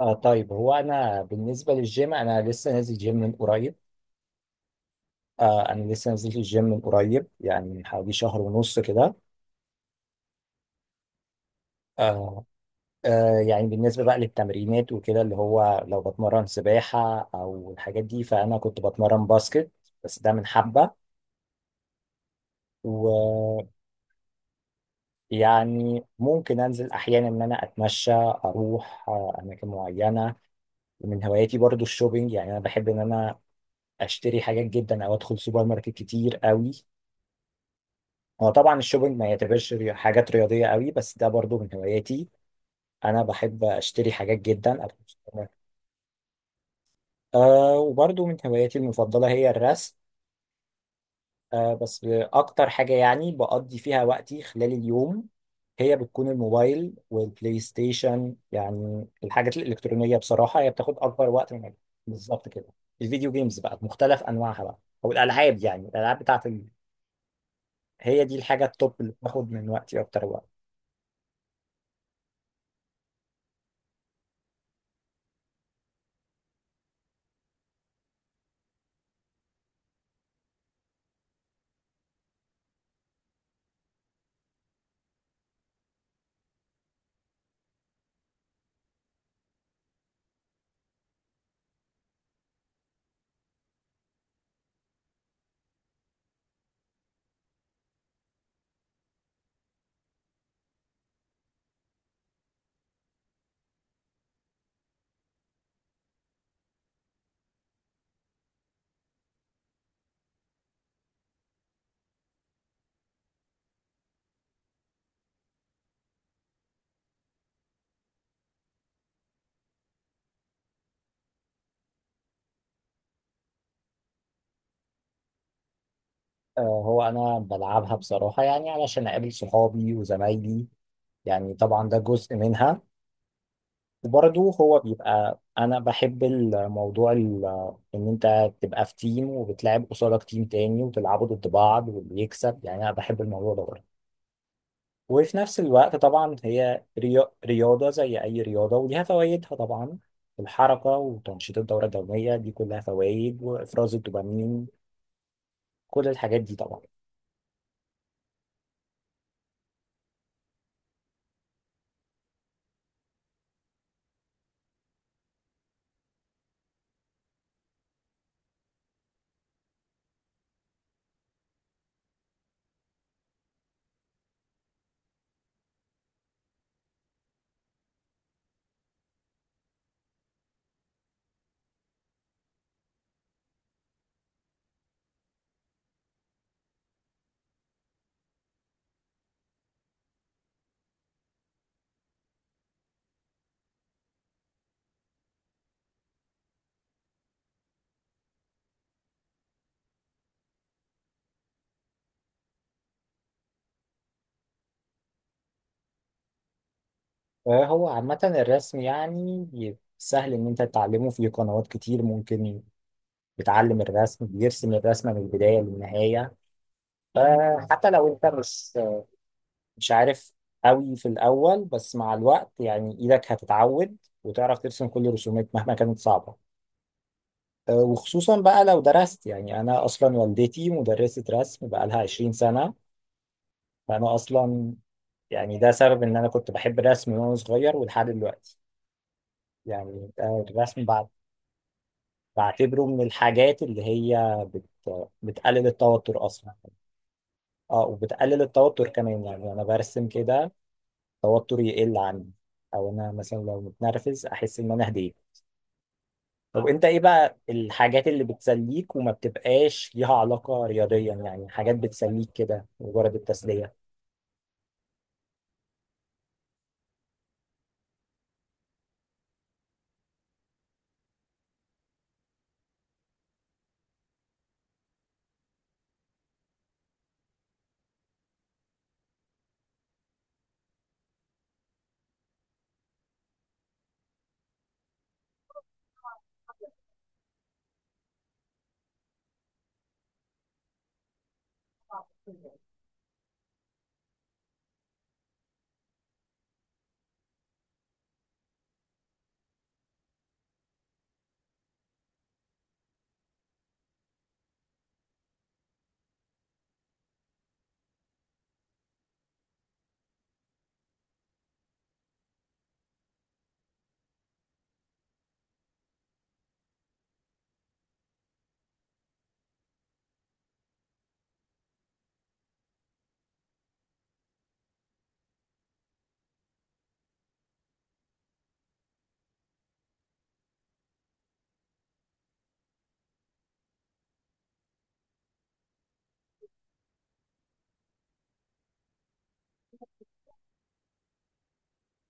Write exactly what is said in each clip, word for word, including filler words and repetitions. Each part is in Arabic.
آه طيب هو انا بالنسبه للجيم انا لسه نازل جيم من قريب. آه انا لسه نزلت الجيم من قريب، يعني من حوالي شهر ونص كده. آه آه يعني بالنسبه بقى للتمرينات وكده، اللي هو لو بتمرن سباحه او الحاجات دي، فانا كنت بتمرن باسكت. بس ده من حبه. ويعني ممكن انزل احيانا ان انا اتمشى، اروح آه اماكن معينه. ومن هواياتي برضو الشوبينج، يعني انا بحب ان انا اشتري حاجات جدا او ادخل سوبر ماركت كتير قوي. هو طبعا الشوبينج ما يعتبرش ري- حاجات رياضية قوي، بس ده برضو من هواياتي. أنا بحب أشتري حاجات جدا، أروح السوبر. أه، وبرضو من هواياتي المفضلة هي الرسم. أه، بس أكتر حاجة يعني بقضي فيها وقتي خلال اليوم هي بتكون الموبايل والبلاي ستيشن. يعني الحاجات الإلكترونية بصراحة هي بتاخد أكبر وقت من الوقت. بالظبط كده. الفيديو جيمز بقى بمختلف أنواعها بقى، أو الألعاب، يعني الألعاب بتاعت ال... هي دي الحاجة التوب اللي بتاخد من وقتي أكتر وقت. آه، هو انا بلعبها بصراحه يعني علشان اقابل صحابي وزمايلي. يعني طبعا ده جزء منها. وبرضه هو بيبقى انا بحب الموضوع ال- ان انت تبقى في تيم وبتلعب قصادك تيم تاني وتلعبوا ضد بعض واللي يكسب. يعني انا بحب الموضوع ده برضه. وفي نفس الوقت طبعا هي ريا- رياضه زي اي رياضه وليها فوائدها طبعا. الحركه وتنشيط الدوره الدمويه دي كلها فوائد، وافراز الدوبامين، كل الحاجات دي طبعا. هو عامة الرسم يعني سهل إن أنت تتعلمه. في قنوات كتير ممكن بتعلم الرسم، بيرسم الرسمة من البداية للنهاية. فحتى لو أنت مش مش عارف قوي في الأول، بس مع الوقت يعني إيدك هتتعود وتعرف ترسم كل الرسومات مهما كانت صعبة. آه، وخصوصا بقى لو درست. يعني أنا أصلا والدتي مدرسة رسم بقالها عشرين سنة. فأنا أصلا يعني ده سبب إن أنا كنت بحب الرسم من وأنا صغير ولحد دلوقتي. يعني آه، الرسم بعتبره من الحاجات اللي هي بت... بتقلل التوتر اصلا. اه، وبتقلل التوتر كمان. يعني انا برسم كده التوتر يقل عندي، او انا مثلا لو متنرفز احس ان انا هديت. طب انت ايه بقى الحاجات اللي بتسليك وما بتبقاش ليها علاقة رياضيا؟ يعني حاجات بتسليك كده مجرد التسلية.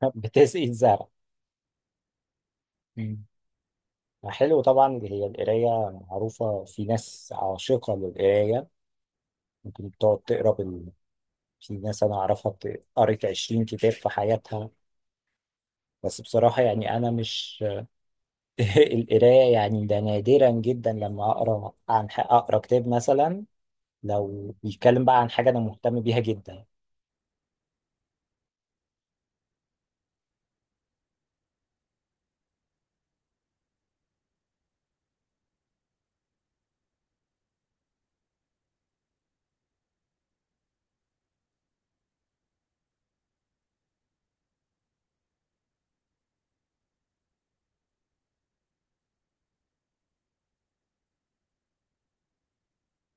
بتسقي الزرع. مم. حلو طبعا اللي هي القراية، معروفة في ناس عاشقة للقراية، ممكن بتقعد تقرا. في ناس أنا أعرفها بت- قرت عشرين كتاب في حياتها. بس بصراحة يعني أنا مش القراية، يعني ده نادرا جدا لما أقرأ عن ح- أقرأ كتاب مثلا لو بيتكلم بقى عن حاجة أنا مهتم بيها جدا.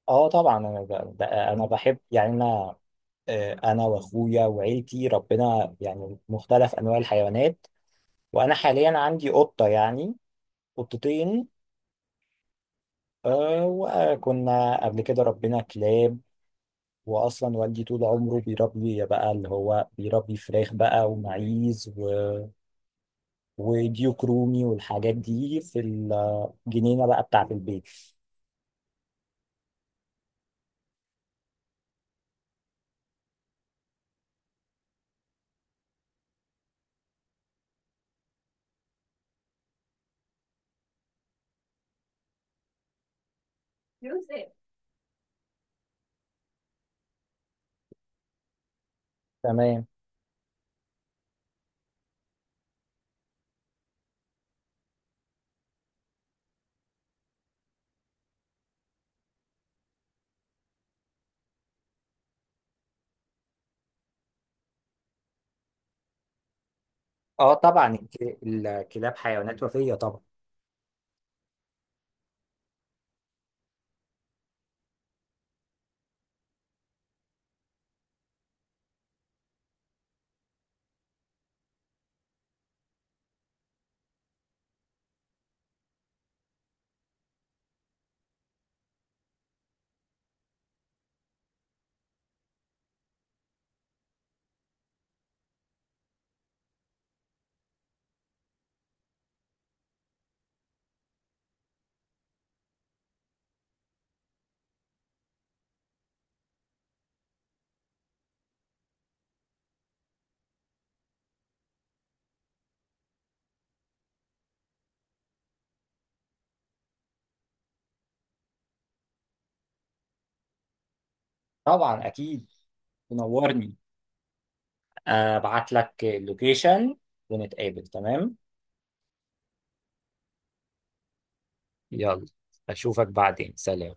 أه طبعا أنا ب... ب- أنا بحب، يعني أنا آه، أنا وأخويا وعيلتي ربنا يعني مختلف أنواع الحيوانات. وأنا حاليا عندي قطة، يعني قطتين. آه، وكنا قبل كده ربنا كلاب. واصلا والدي طول عمره بيربي، بقى اللي هو بيربي فراخ بقى ومعيز و... وديوك رومي والحاجات دي في الجنينه بقى بتاعه البيت. تمام. اه طبعا الك- الكلاب حيوانات وفيه طبعا. طبعا اكيد، تنورني. آه، ابعت لك اللوكيشن ونتقابل، تمام. يلا، اشوفك بعدين، سلام.